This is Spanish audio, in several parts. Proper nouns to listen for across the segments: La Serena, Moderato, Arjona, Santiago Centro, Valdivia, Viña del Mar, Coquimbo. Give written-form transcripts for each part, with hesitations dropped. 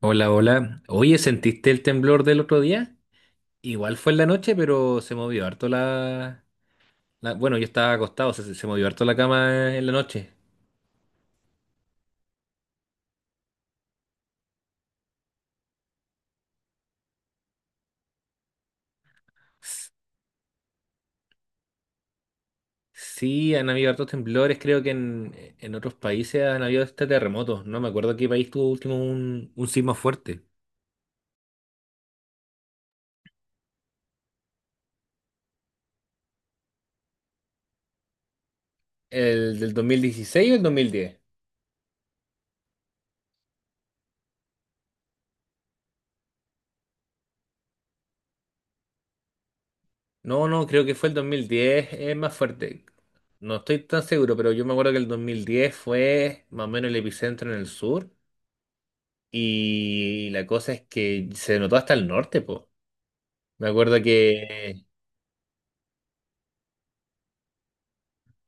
Hola, hola. Oye, ¿sentiste el temblor del otro día? Igual fue en la noche, pero se movió harto Bueno, yo estaba acostado, se movió harto la cama en la noche. S- Sí, han habido hartos temblores, creo que en otros países han habido terremotos. No me acuerdo qué país tuvo último un sismo fuerte. ¿El del 2016 o el 2010? No, no, creo que fue el 2010, es más fuerte. No estoy tan seguro, pero yo me acuerdo que el 2010 fue más o menos el epicentro en el sur. Y la cosa es que se notó hasta el norte, po. Me acuerdo que,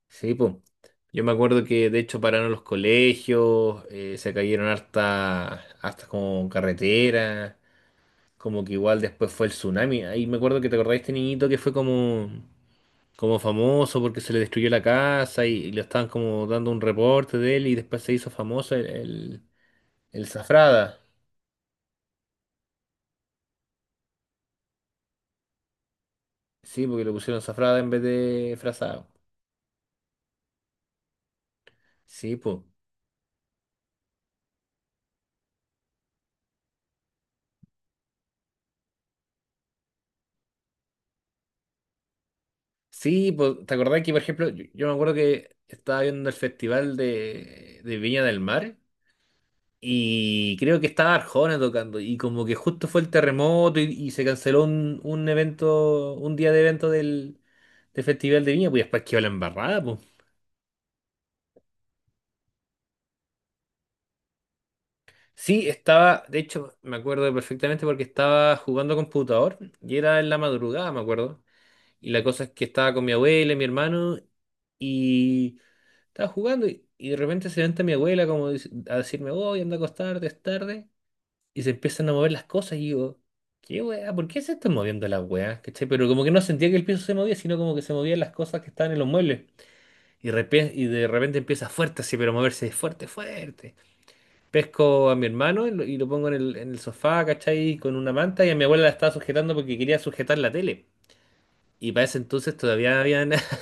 sí, po. Yo me acuerdo que de hecho pararon los colegios, se cayeron hasta, como carretera, como que igual después fue el tsunami. Ahí me acuerdo que te acordás de este niñito que fue como famoso porque se le destruyó la casa y le estaban como dando un reporte de él y después se hizo famoso el Zafrada. Sí, porque lo pusieron Zafrada en vez de Frazado. Sí, pues. Sí, pues, ¿te acordás que, por ejemplo, yo me acuerdo que estaba viendo el festival de Viña del Mar y creo que estaba Arjona tocando y como que justo fue el terremoto y se canceló un evento, un día de evento del festival de Viña, pues después quedó la embarrada, pues. Sí, estaba, de hecho, me acuerdo perfectamente porque estaba jugando computador y era en la madrugada, me acuerdo. Y la cosa es que estaba con mi abuela y mi hermano. Estaba jugando y de repente se levanta mi abuela como a decirme, voy, anda a acostarte, es tarde. Y se empiezan a mover las cosas y digo, ¿qué weá? ¿Por qué se están moviendo las weas? ¿Cachai? Pero como que no sentía que el piso se movía, sino como que se movían las cosas que estaban en los muebles. Y de repente empieza fuerte así, pero moverse fuerte, fuerte. Pesco a mi hermano y lo pongo en el sofá, ¿cachai? Con una manta y a mi abuela la estaba sujetando porque quería sujetar la tele. Y para ese entonces todavía habían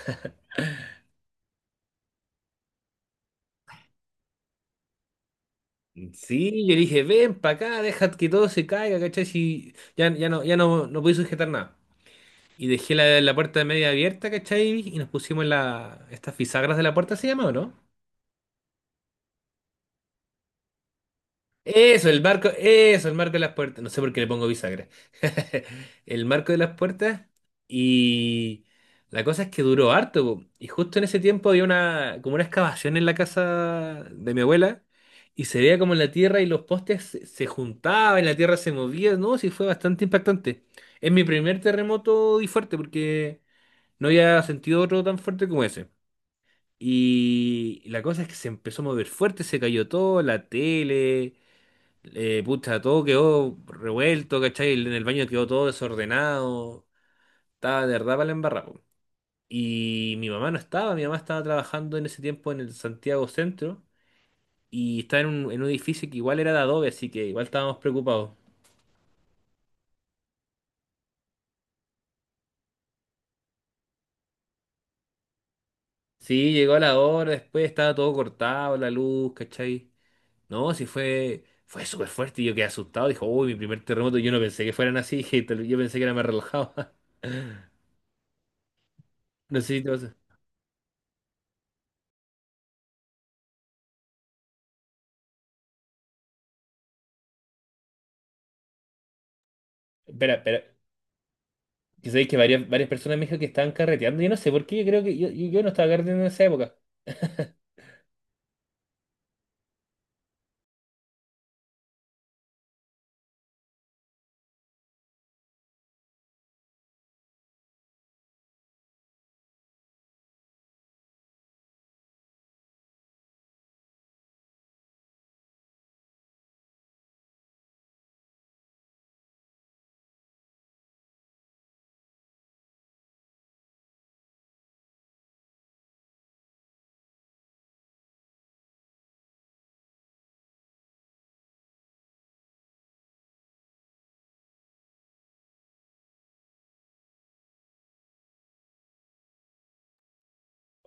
Sí, yo dije, ven para acá, deja que todo se caiga, ¿cachai? Si ya, ya no, ya no, no pude sujetar nada. Y dejé la puerta media abierta, ¿cachai? Y nos pusimos estas fisagras de la puerta, ¿se llama o no? Eso, el marco de las puertas. No sé por qué le pongo bisagra. El marco de las puertas. Y la cosa es que duró harto, po. Y justo en ese tiempo había como una excavación en la casa de mi abuela. Y se veía como la tierra y los postes se juntaban, la tierra se movía. No, sí, fue bastante impactante. Es mi primer terremoto y fuerte porque no había sentido otro tan fuerte como ese. Y la cosa es que se empezó a mover fuerte, se cayó todo, la tele. Pucha, todo quedó revuelto, ¿cachai? En el baño quedó todo desordenado. Estaba de verdad para la embarrada, po. Y mi mamá no estaba, mi mamá estaba trabajando en ese tiempo en el Santiago Centro y estaba en un, edificio que igual era de adobe, así que igual estábamos preocupados. Sí, llegó la hora, después estaba todo cortado, la luz, ¿cachai? No, sí fue súper fuerte y yo quedé asustado. Dijo, uy, mi primer terremoto, yo no pensé que fueran así, yo pensé que era más relajado. No sé si te pasa. Espera, espera. Yo sabéis que varias personas me dijeron que estaban carreteando. Yo no sé por qué, yo creo que yo no estaba carreteando en esa época.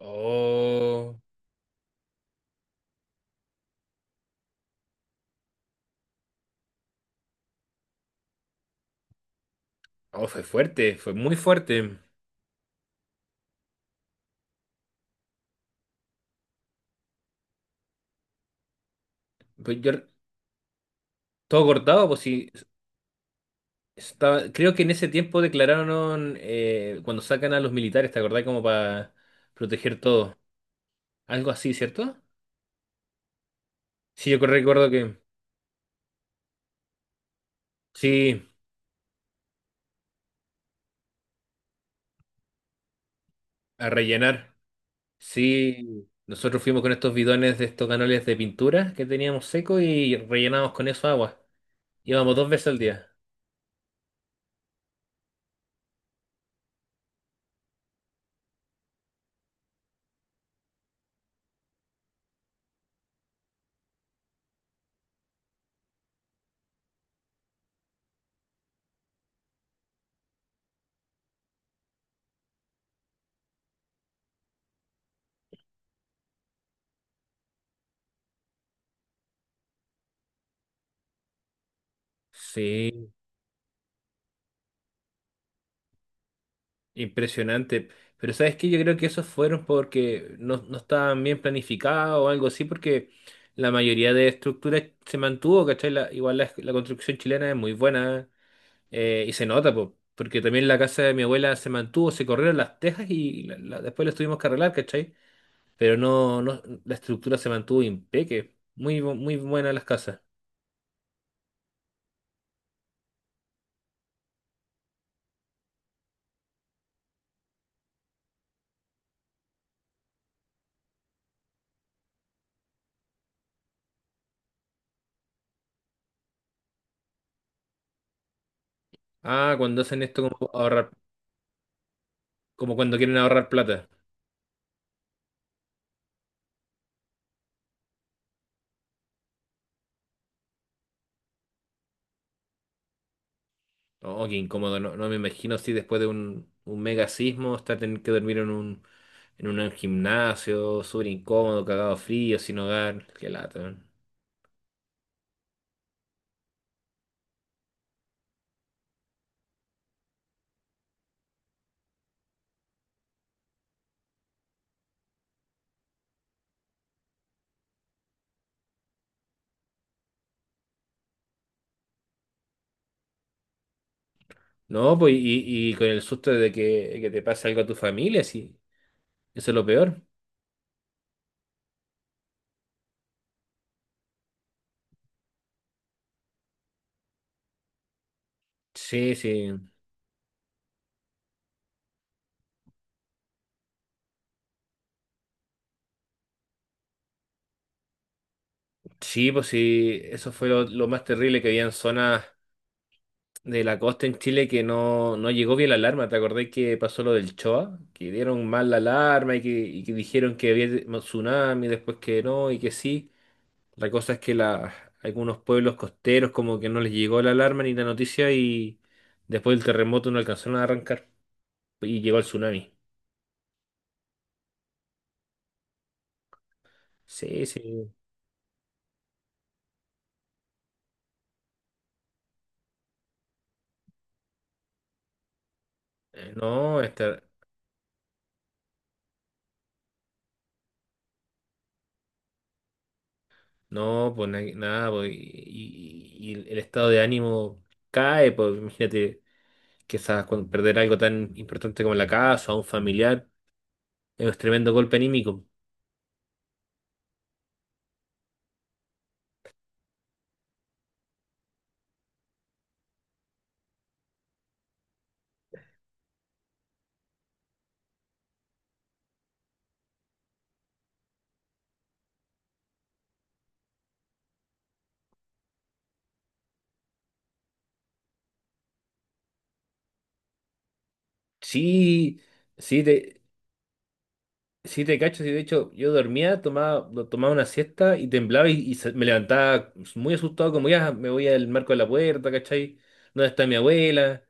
Oh, oh, fue fuerte, fue muy fuerte. Pues yo todo cortado, pues sí. Estaba, creo que en ese tiempo declararon cuando sacan a los militares, ¿te acordás? Como para proteger todo. Algo así, ¿cierto? Sí, yo recuerdo que sí, a rellenar. Sí, nosotros fuimos con estos bidones de estos canales de pintura que teníamos seco y rellenamos con eso agua. Íbamos dos veces al día. Sí, impresionante. Pero ¿sabes qué? Yo creo que esos fueron porque no, no estaban bien planificados o algo así, porque la mayoría de estructuras se mantuvo, ¿cachai? Igual la construcción chilena es muy buena, y se nota, po, porque también la casa de mi abuela se mantuvo, se corrieron las tejas y después las tuvimos que arreglar, ¿cachai? Pero no, no, la estructura se mantuvo impeque. Muy buenas las casas. Ah, cuando hacen esto como ahorrar, como cuando quieren ahorrar plata. Oh, qué incómodo. No, no me imagino si después de un mega sismo está tener que dormir en un gimnasio, súper incómodo, cagado frío, sin hogar. Qué lata, man. No, pues y con el susto de que te pase algo a tu familia, sí. Eso es lo peor. Sí, sí. Sí, pues sí. Eso fue lo más terrible que había en zonas de la costa en Chile que no, no llegó bien la alarma. ¿Te acordás que pasó lo del Choa? Que dieron mal la alarma y que dijeron que había tsunami, después que no y que sí. La cosa es que algunos pueblos costeros como que no les llegó la alarma ni la noticia y después del terremoto no alcanzaron a arrancar y llegó el tsunami. Sí, sí. Eh, No, esta- no, pues nada, pues, y el estado de ánimo cae, pues imagínate quizás cuando perder algo tan importante como la casa o a un familiar, es un tremendo golpe anímico. Sí, sí, te cacho, sí, de hecho, yo dormía, tomaba una siesta y temblaba y me levantaba muy asustado, como ya me voy al marco de la puerta, ¿cachai? ¿Dónde está mi abuela?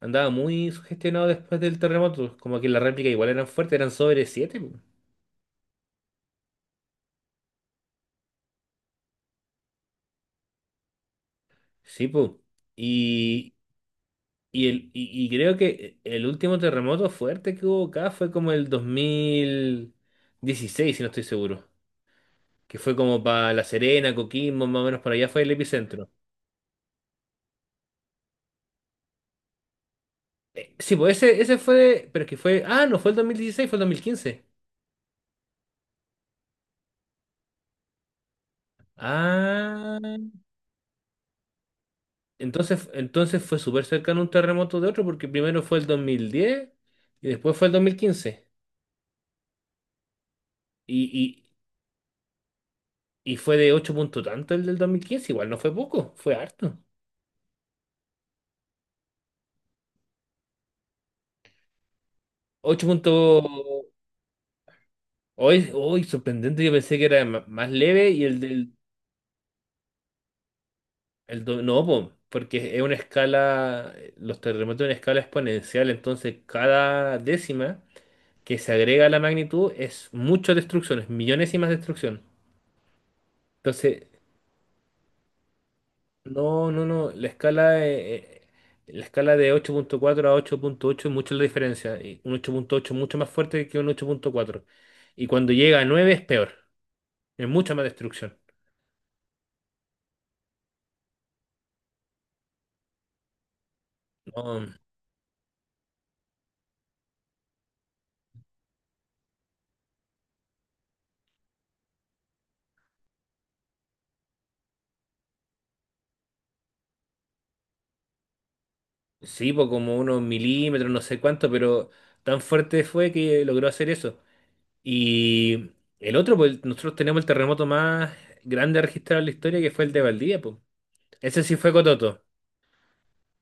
Andaba muy sugestionado después del terremoto, como que las réplicas igual eran fuertes, eran sobre siete, po. Sí, pues. Y, y creo que el último terremoto fuerte que hubo acá fue como el 2016, si no estoy seguro, que fue como para La Serena, Coquimbo, más o menos para allá fue el epicentro. Sí, pues ese, fue, pero es que fue, no fue el 2016, fue el 2015. Ah, entonces fue súper cercano un terremoto de otro, porque primero fue el 2010 y después fue el 2015. Y, y fue de 8 puntos, tanto el del 2015 igual no fue poco, fue harto. Ocho puntos, hoy, hoy sorprendente, yo pensé que era más leve y el del, no, po, porque es una escala, los terremotos en escala exponencial, entonces cada décima que se agrega a la magnitud es mucha destrucción, es millones y más destrucción. Entonces, no, no, no, la escala de 8.4 a 8.8 es mucho la diferencia. Y un 8.8 es mucho más fuerte que un 8.4. Y cuando llega a 9 es peor, es mucha más destrucción. No, sí, por como unos milímetros, no sé cuánto, pero tan fuerte fue que logró hacer eso. Y el otro, pues nosotros tenemos el terremoto más grande registrado en la historia, que fue el de Valdivia, pues. Ese sí fue cototo.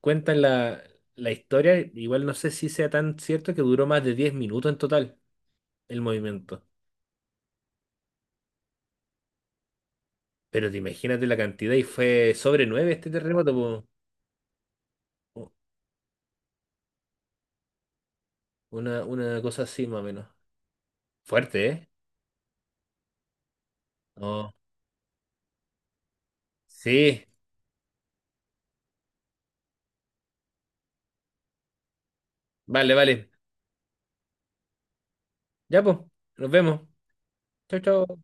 Cuentan la historia, igual no sé si sea tan cierto que duró más de 10 minutos en total el movimiento. Pero te imagínate la cantidad y fue sobre 9 este terremoto, po. Una cosa así más o menos. Fuerte, ¿eh? Oh, sí, vale, vale. Ya, pues, nos vemos. Chao, chao.